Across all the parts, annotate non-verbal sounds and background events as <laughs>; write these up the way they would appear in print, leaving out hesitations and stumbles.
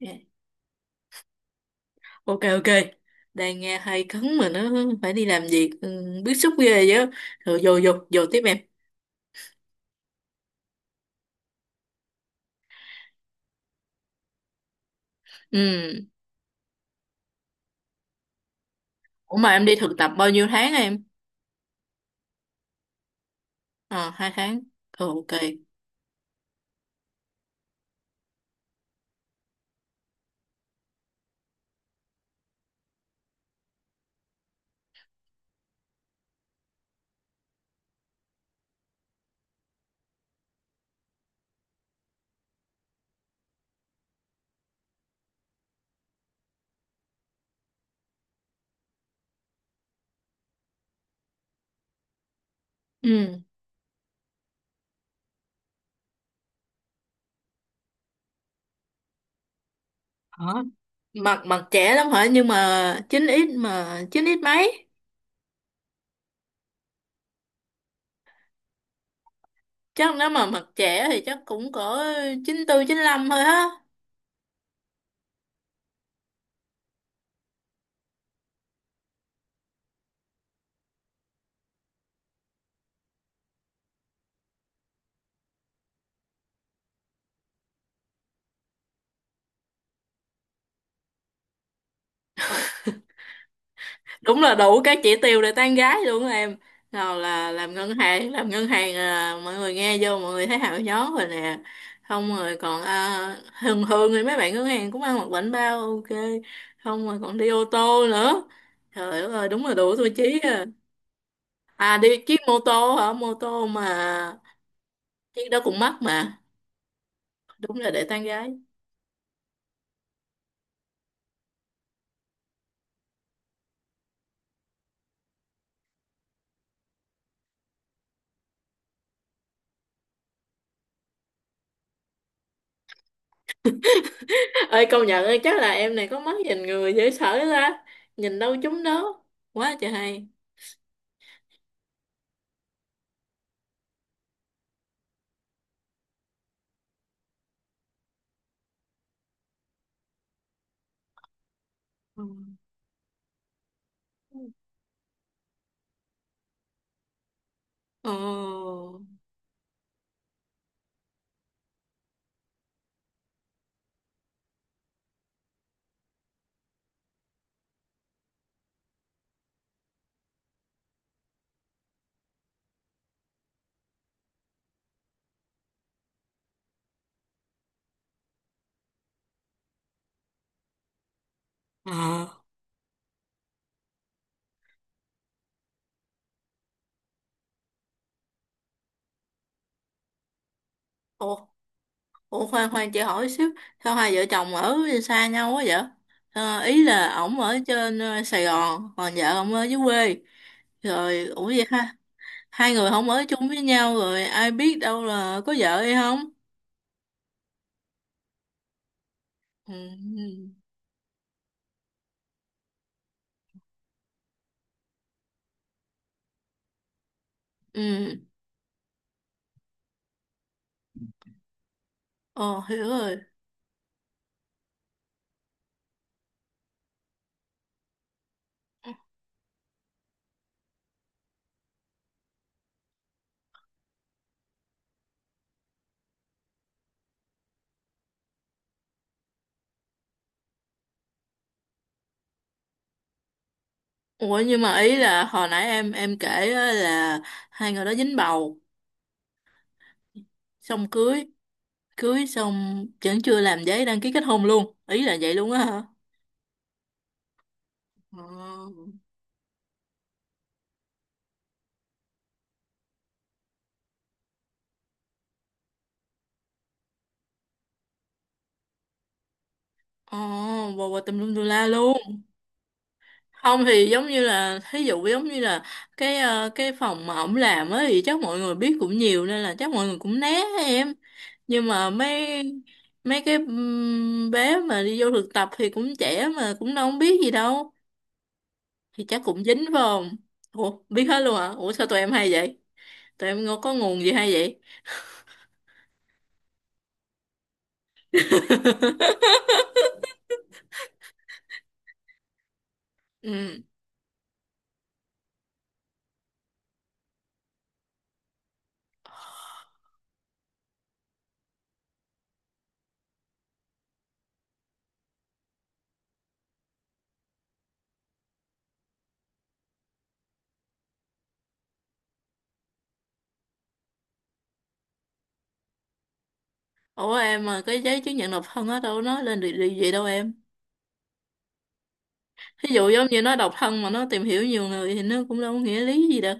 Dạ. Ok, ok. Đang nghe hay cấn mà nó phải đi làm việc, bức xúc ghê chứ. Rồi vô vô vô tiếp em. Ừ. Ủa mà em đi thực tập bao nhiêu tháng em? Ờ, hai tháng. Ừ, ok. Ừ. Hả? Mặt mặt trẻ lắm hả? Nhưng mà chín ít mấy. Chắc nếu mà mặt trẻ thì chắc cũng có chín tư, chín 95 thôi á. Đúng là đủ các chỉ tiêu để tán gái luôn á em, nào là làm ngân hàng, làm ngân hàng, à, mọi người nghe vô mọi người thấy hào gió rồi nè. Không, rồi còn à, thường thường thì mấy bạn ngân hàng cũng ăn mặc bảnh bao, ok. Không, rồi còn đi ô tô nữa, trời ơi đúng là đủ tiêu chí à. À, đi chiếc mô tô hả? Mô tô mà, chiếc đó cũng mắc mà, đúng là để tán gái. <laughs> Ơi công nhận, ơi chắc là em này có mắt nhìn người dễ sợ ra, nhìn đâu chúng đó quá trời hay. Ừ. Ồ. Ờ, ủa, ủa, khoan khoan chị hỏi xíu, sao hai vợ chồng ở xa nhau quá vậy? Ờ, ý là ổng ở trên Sài Gòn, còn vợ ổng ở dưới quê. Rồi, ủa vậy ha? Hai người không ở chung với nhau rồi, ai biết đâu là có vợ hay không? Ừ, ừ, ừ. Ờ, hiểu rồi. Ủa nhưng mà ý là hồi nãy em kể á là hai người đó dính bầu, xong cưới, cưới xong vẫn chưa làm giấy đăng ký kết hôn luôn. Ý là vậy luôn á hả? Ờ. Ồ, bồ bồ tùm lum tùm la luôn. Không thì giống như là thí dụ giống như là cái phòng mà ổng làm á, thì chắc mọi người biết cũng nhiều, nên là chắc mọi người cũng né á em. Nhưng mà mấy mấy cái bé mà đi vô thực tập thì cũng trẻ mà cũng đâu biết gì đâu, thì chắc cũng dính phải không? Ủa, biết hết luôn hả? Ủa sao tụi em hay vậy? Tụi em có nguồn gì hay vậy? <laughs> Ừ. Ủa em, mà cái giấy chứng nhận độc thân á đâu nói lên được điều gì đâu em? Ví dụ giống như nó độc thân mà nó tìm hiểu nhiều người thì nó cũng đâu có nghĩa lý gì đâu.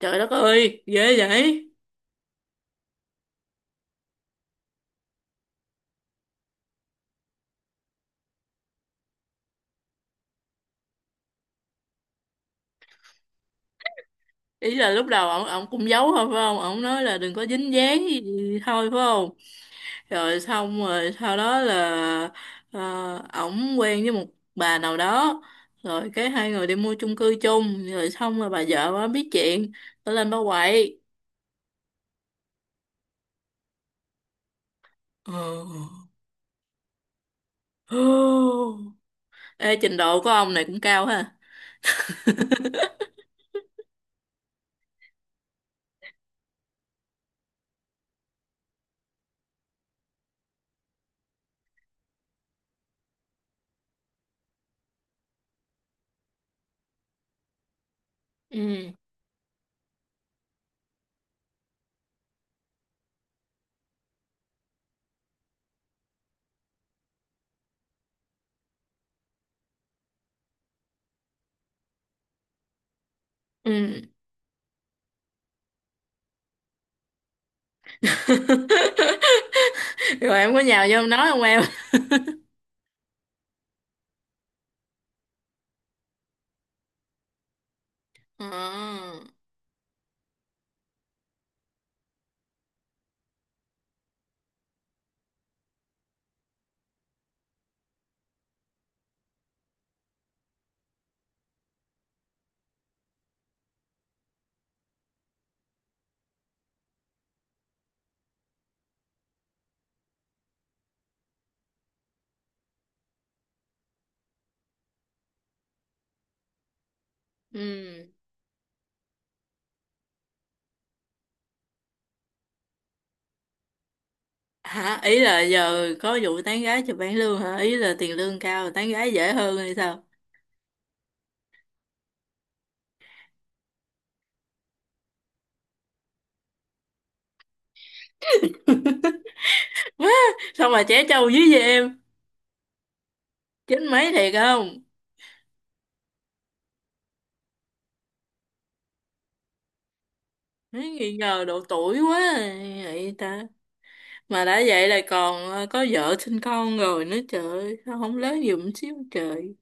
Trời đất ơi ghê vậy. Ý là lúc đầu ổng ổng cũng giấu thôi phải không? Ổng nói là đừng có dính dáng gì thôi phải không? Rồi xong rồi sau đó là ờ, ổng quen với một bà nào đó, rồi cái hai người đi mua chung cư chung, rồi xong rồi bà vợ bà biết chuyện, bà lên bà quậy. Ờ. <gasps> Ê, trình độ của ông này cũng cao ha. Ừ, ừ. <laughs> Rồi em có nhào vô em nói không em, à, ừ. Hả? Ý là giờ có vụ tán gái chụp bảng lương hả? Ý là tiền lương cao tán gái dễ hơn hay sao? Quá. Xong mà trẻ trâu dưới vậy em, chín mấy thiệt không? Má nghi ngờ độ tuổi quá à, vậy ta. Mà đã vậy là còn có vợ sinh con rồi nữa, trời ơi sao không lớn giùm xíu trời.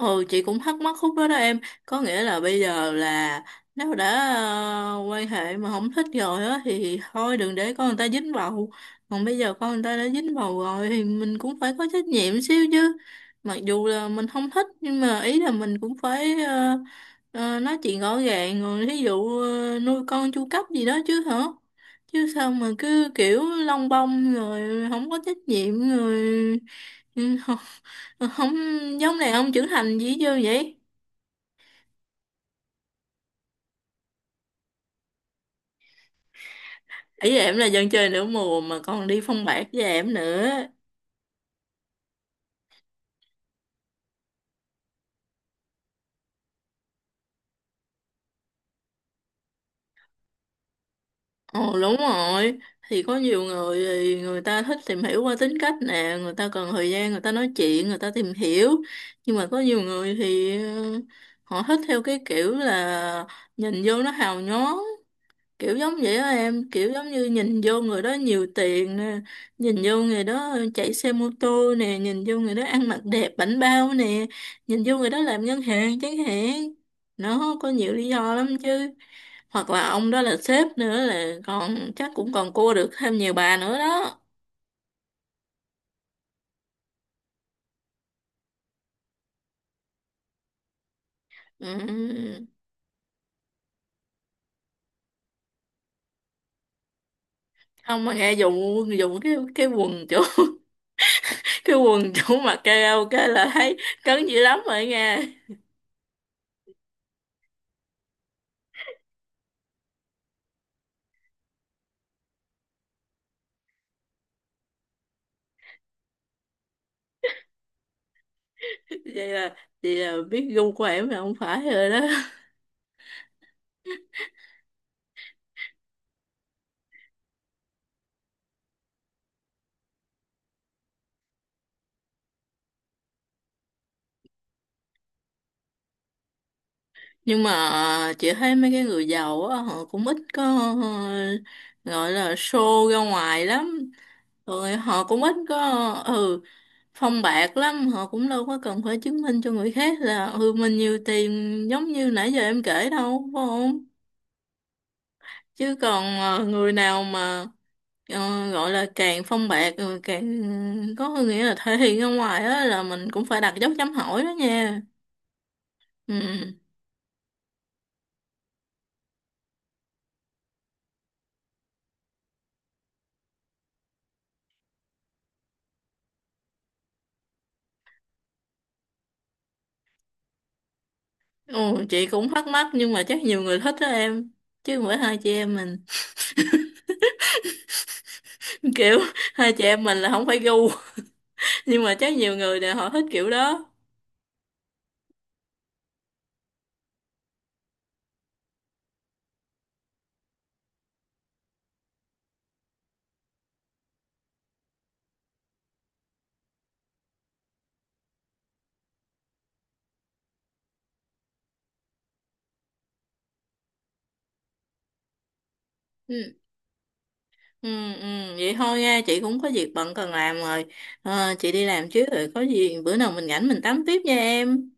Ừ, chị cũng thắc mắc khúc đó đó em. Có nghĩa là bây giờ là nếu đã quan hệ mà không thích rồi á thì thôi đừng để con người ta dính vào. Còn bây giờ con người ta đã dính vào rồi thì mình cũng phải có trách nhiệm xíu chứ. Mặc dù là mình không thích, nhưng mà ý là mình cũng phải nói chuyện rõ ràng. Rồi thí dụ nuôi con chu cấp gì đó chứ hả. Chứ sao mà cứ kiểu lông bông, rồi không có trách nhiệm, rồi ừ, <laughs> Ờ, không giống này, ông trưởng thành gì chưa vậy. Ý em là dân chơi nửa mùa mà còn đi phong bạc với em nữa. Ồ đúng rồi. Thì có nhiều người thì người ta thích tìm hiểu qua tính cách nè, người ta cần thời gian, người ta nói chuyện người ta tìm hiểu. Nhưng mà có nhiều người thì họ thích theo cái kiểu là nhìn vô nó hào nhoáng. Kiểu giống vậy á em, kiểu giống như nhìn vô người đó nhiều tiền nè, nhìn vô người đó chạy xe mô tô nè, nhìn vô người đó ăn mặc đẹp bảnh bao nè, nhìn vô người đó làm ngân hàng chẳng hạn. Nó có nhiều lý do lắm chứ, hoặc là ông đó là sếp nữa là còn chắc cũng còn cua được thêm nhiều bà nữa đó. Ừ. Không mà nghe dùng dùng cái quần chỗ <laughs> cái quần chỗ mặc karaoke là thấy cấn dữ lắm rồi nghe. <laughs> vậy là vậy là biết gu của em là không phải rồi đó. Nhưng mà chị thấy mấy cái người giàu á, họ cũng ít có ờ, gọi là show ra ngoài lắm. Rồi họ cũng ít có ừ phong bạc lắm, họ cũng đâu có cần phải chứng minh cho người khác là mình nhiều tiền giống như nãy giờ em kể đâu, phải không? Chứ còn người nào mà gọi là càng phong bạc rồi càng có nghĩa là thể hiện ra ngoài á là mình cũng phải đặt dấu chấm hỏi đó nha. Ừ. Ồ, chị cũng thắc mắc, nhưng mà chắc nhiều người thích đó em, chứ mỗi hai chị em mình <laughs> kiểu hai chị em mình là không phải gu. <laughs> Nhưng mà chắc nhiều người là họ thích kiểu đó. Ừ. Ừ, ừ, vậy thôi nha, chị cũng có việc bận cần làm rồi. Ờ, chị đi làm trước, rồi có gì bữa nào mình rảnh mình tám tiếp nha em.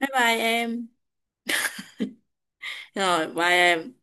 Bye bye em. Rồi bye em.